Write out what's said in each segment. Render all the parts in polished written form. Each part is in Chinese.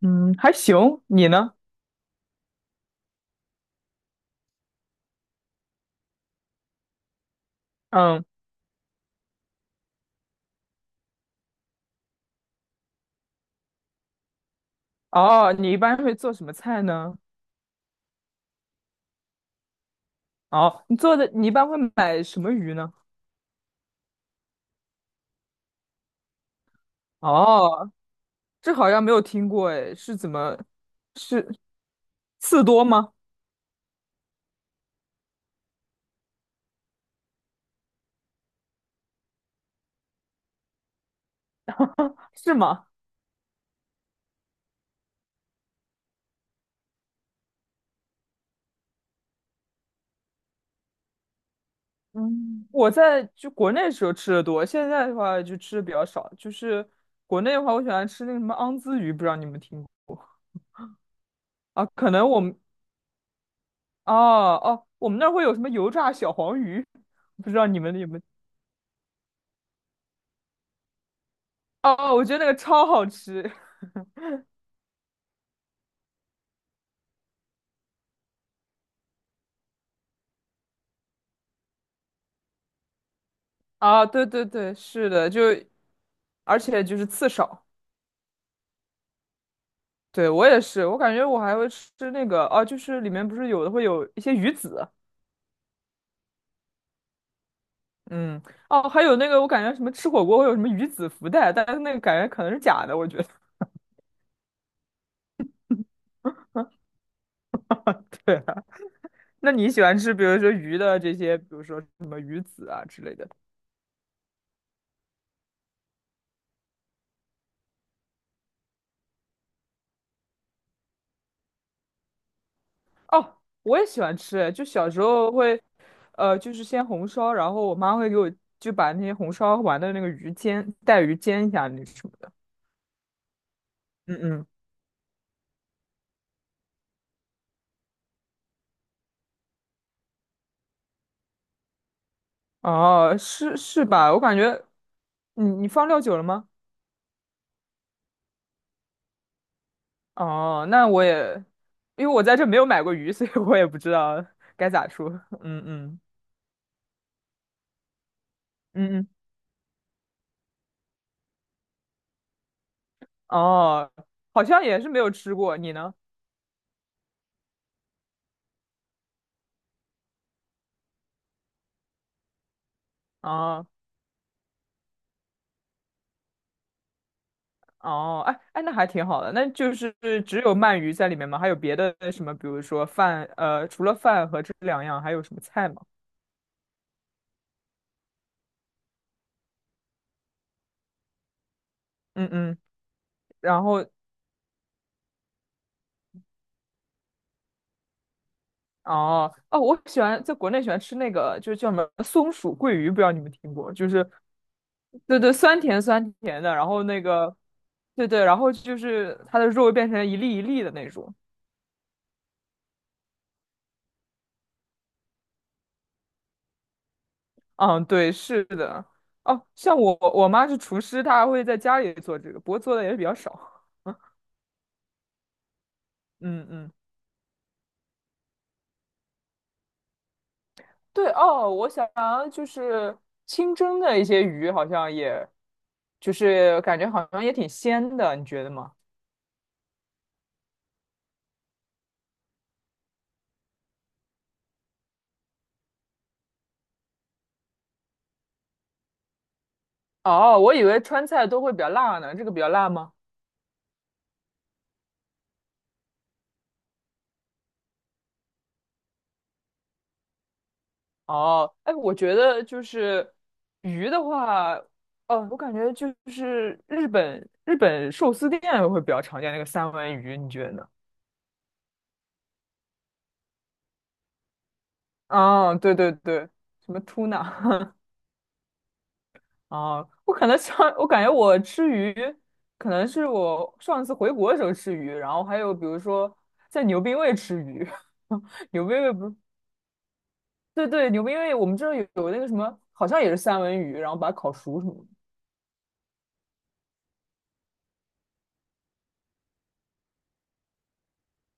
嗯，还行，你呢？嗯，哦，你一般会做什么菜呢？哦，你做的，你一般会买什么鱼呢？哦，这好像没有听过，哎，是怎么，是刺多吗？是吗？嗯，我在国内时候吃的多，现在的话就吃的比较少。就是国内的话，我喜欢吃那个什么昂兹鱼，不知道你们听过啊？可能我们哦哦，我们那儿会有什么油炸小黄鱼，不知道你们有没有？哦哦，我觉得那个超好吃。啊，对对对，是的，就而且就是刺少。对，我也是，我感觉我还会吃那个啊，就是里面不是有的会有一些鱼籽，嗯，哦，还有那个我感觉什么吃火锅会有什么鱼籽福袋，但是那个感觉可能是假的，我觉得。对啊，那你喜欢吃比如说鱼的这些，比如说什么鱼籽啊之类的？哦，我也喜欢吃，就小时候会，就是先红烧，然后我妈会给我就把那些红烧完的那个鱼煎，带鱼煎一下那什么的。嗯嗯，哦，是是吧？我感觉你放料酒了吗？哦，那我也，因为我在这没有买过鱼，所以我也不知道该咋说。嗯嗯。嗯嗯，哦，好像也是没有吃过，你呢？哦哦，哎哎，那还挺好的。那就是只有鳗鱼在里面吗？还有别的什么？比如说饭，除了饭和这两样，还有什么菜吗？嗯嗯，然后哦哦，我喜欢在国内喜欢吃那个，就是叫什么松鼠桂鱼，不知道你们听过？就是，对对，酸甜酸甜的，然后那个，对对，然后就是它的肉会变成一粒一粒的那种。嗯，对，是的。哦，像我妈是厨师，她还会在家里做这个，不过做的也比较少。嗯嗯，对哦，我想就是清蒸的一些鱼，好像也，就是感觉好像也挺鲜的，你觉得吗？哦，我以为川菜都会比较辣呢，这个比较辣吗？哦，哎，我觉得就是鱼的话，哦，我感觉就是日本寿司店会比较常见那个三文鱼，你觉得呢？啊，对对对，什么 tuna。 啊，我可能上，我感觉我吃鱼，可能是我上次回国的时候吃鱼，然后还有比如说在牛冰味吃鱼，牛冰味不是，对对，牛冰味我们这儿有那个什么，好像也是三文鱼，然后把它烤熟什么的。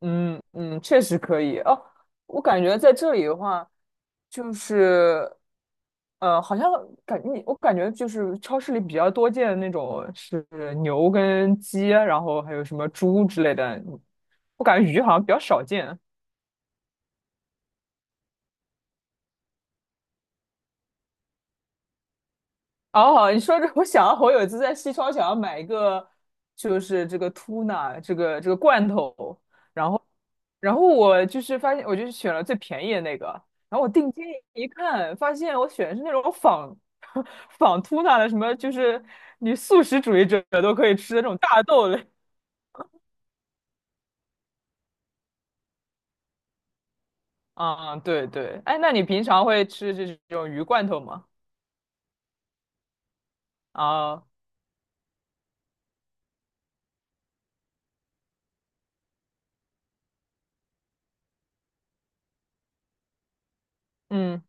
嗯嗯，确实可以哦。我感觉在这里的话，就是，好像感你我感觉就是超市里比较多见的那种是牛跟鸡，然后还有什么猪之类的，我感觉鱼好像比较少见。哦，你说这，我想我有一次在西超想要买一个，就是这个 tuna 这个罐头，然后我就是发现，我就选了最便宜的那个，然后我定睛一看，发现我选的是那种仿 仿 tuna 的，什么就是你素食主义者都可以吃的那种大豆类。啊、对对，哎，那你平常会吃这种鱼罐头吗？啊、嗯。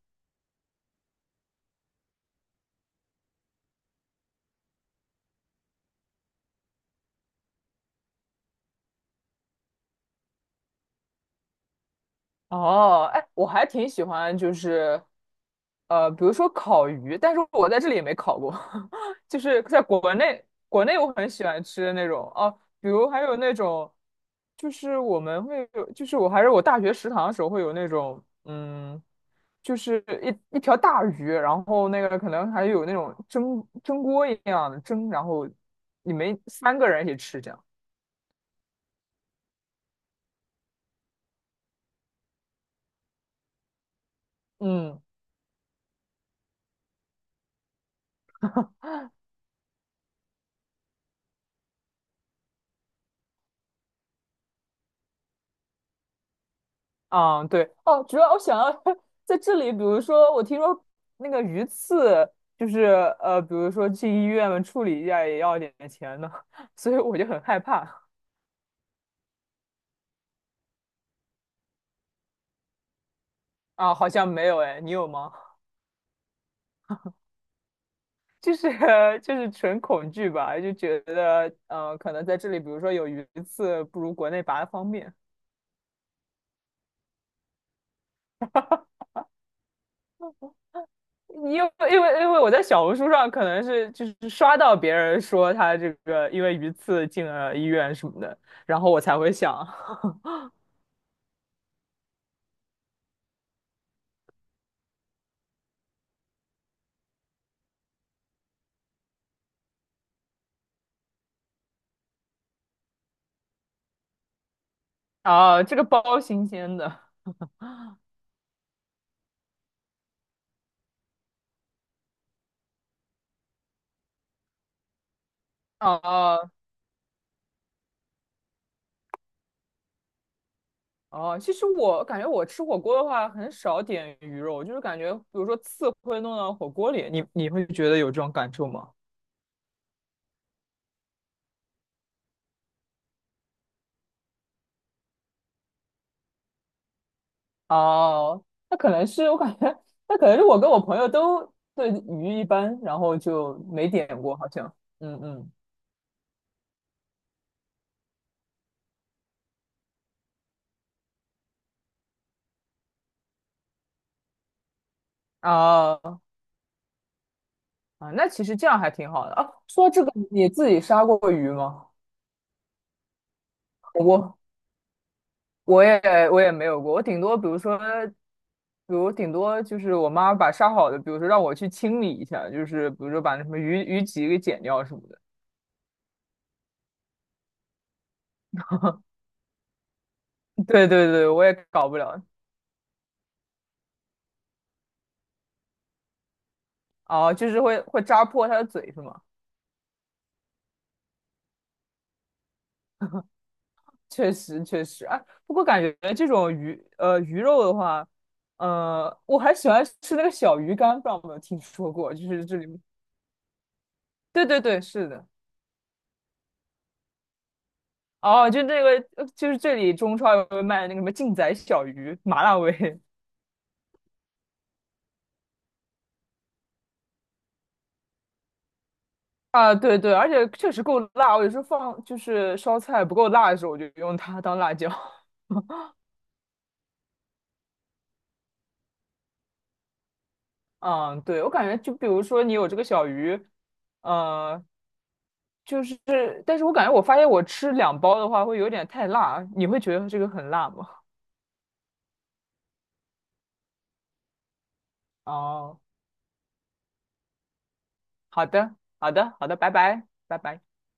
哦，哎，我还挺喜欢，就是比如说烤鱼，但是我在这里也没烤过，就是在国内，国内我很喜欢吃的那种哦，比如还有那种，就是我们会有，就是我还是我大学食堂的时候会有那种，嗯，就是一条大鱼，然后那个可能还有那种蒸锅一样的蒸，然后你们三个人一起吃这样，嗯。啊，对，哦，主要我想要 在这里，比如说，我听说那个鱼刺，就是比如说去医院处理一下也要点钱呢，所以我就很害怕啊，好像没有哎，你有吗？就是纯恐惧吧，就觉得可能在这里，比如说有鱼刺，不如国内拔的方便。因为我在小红书上可能是就是刷到别人说他这个因为鱼刺进了医院什么的，然后我才会想。啊，这个包新鲜的。哦哦，其实我感觉我吃火锅的话，很少点鱼肉，就是感觉，比如说刺会弄到火锅里，你会觉得有这种感受吗？哦，那可能是我感觉，那可能是我跟我朋友都对鱼一般，然后就没点过，好像。嗯嗯。哦啊，那其实这样还挺好的啊。说到这个，你自己杀过鱼吗？火锅。我也没有过，我顶多比如说，比如顶多就是我妈把杀好的，比如说让我去清理一下，就是比如说把那什么鱼鳍给剪掉什么的。对对对，我也搞不了。哦，就是会扎破它的嘴是吗？确实确实，哎，不过感觉这种鱼鱼肉的话，我还喜欢吃那个小鱼干，不知道有没有听说过？就是这里，对对对，是的。哦，就那个，就是这里中超有卖那个什么劲仔小鱼，麻辣味。啊，对对，而且确实够辣。我有时候放就是烧菜不够辣的时候，我就用它当辣椒。嗯，对，我感觉就比如说你有这个小鱼，呃，就是，但是我感觉我发现我吃两包的话会有点太辣，你会觉得这个很辣吗？哦，好的，好的，好的，拜拜，拜拜。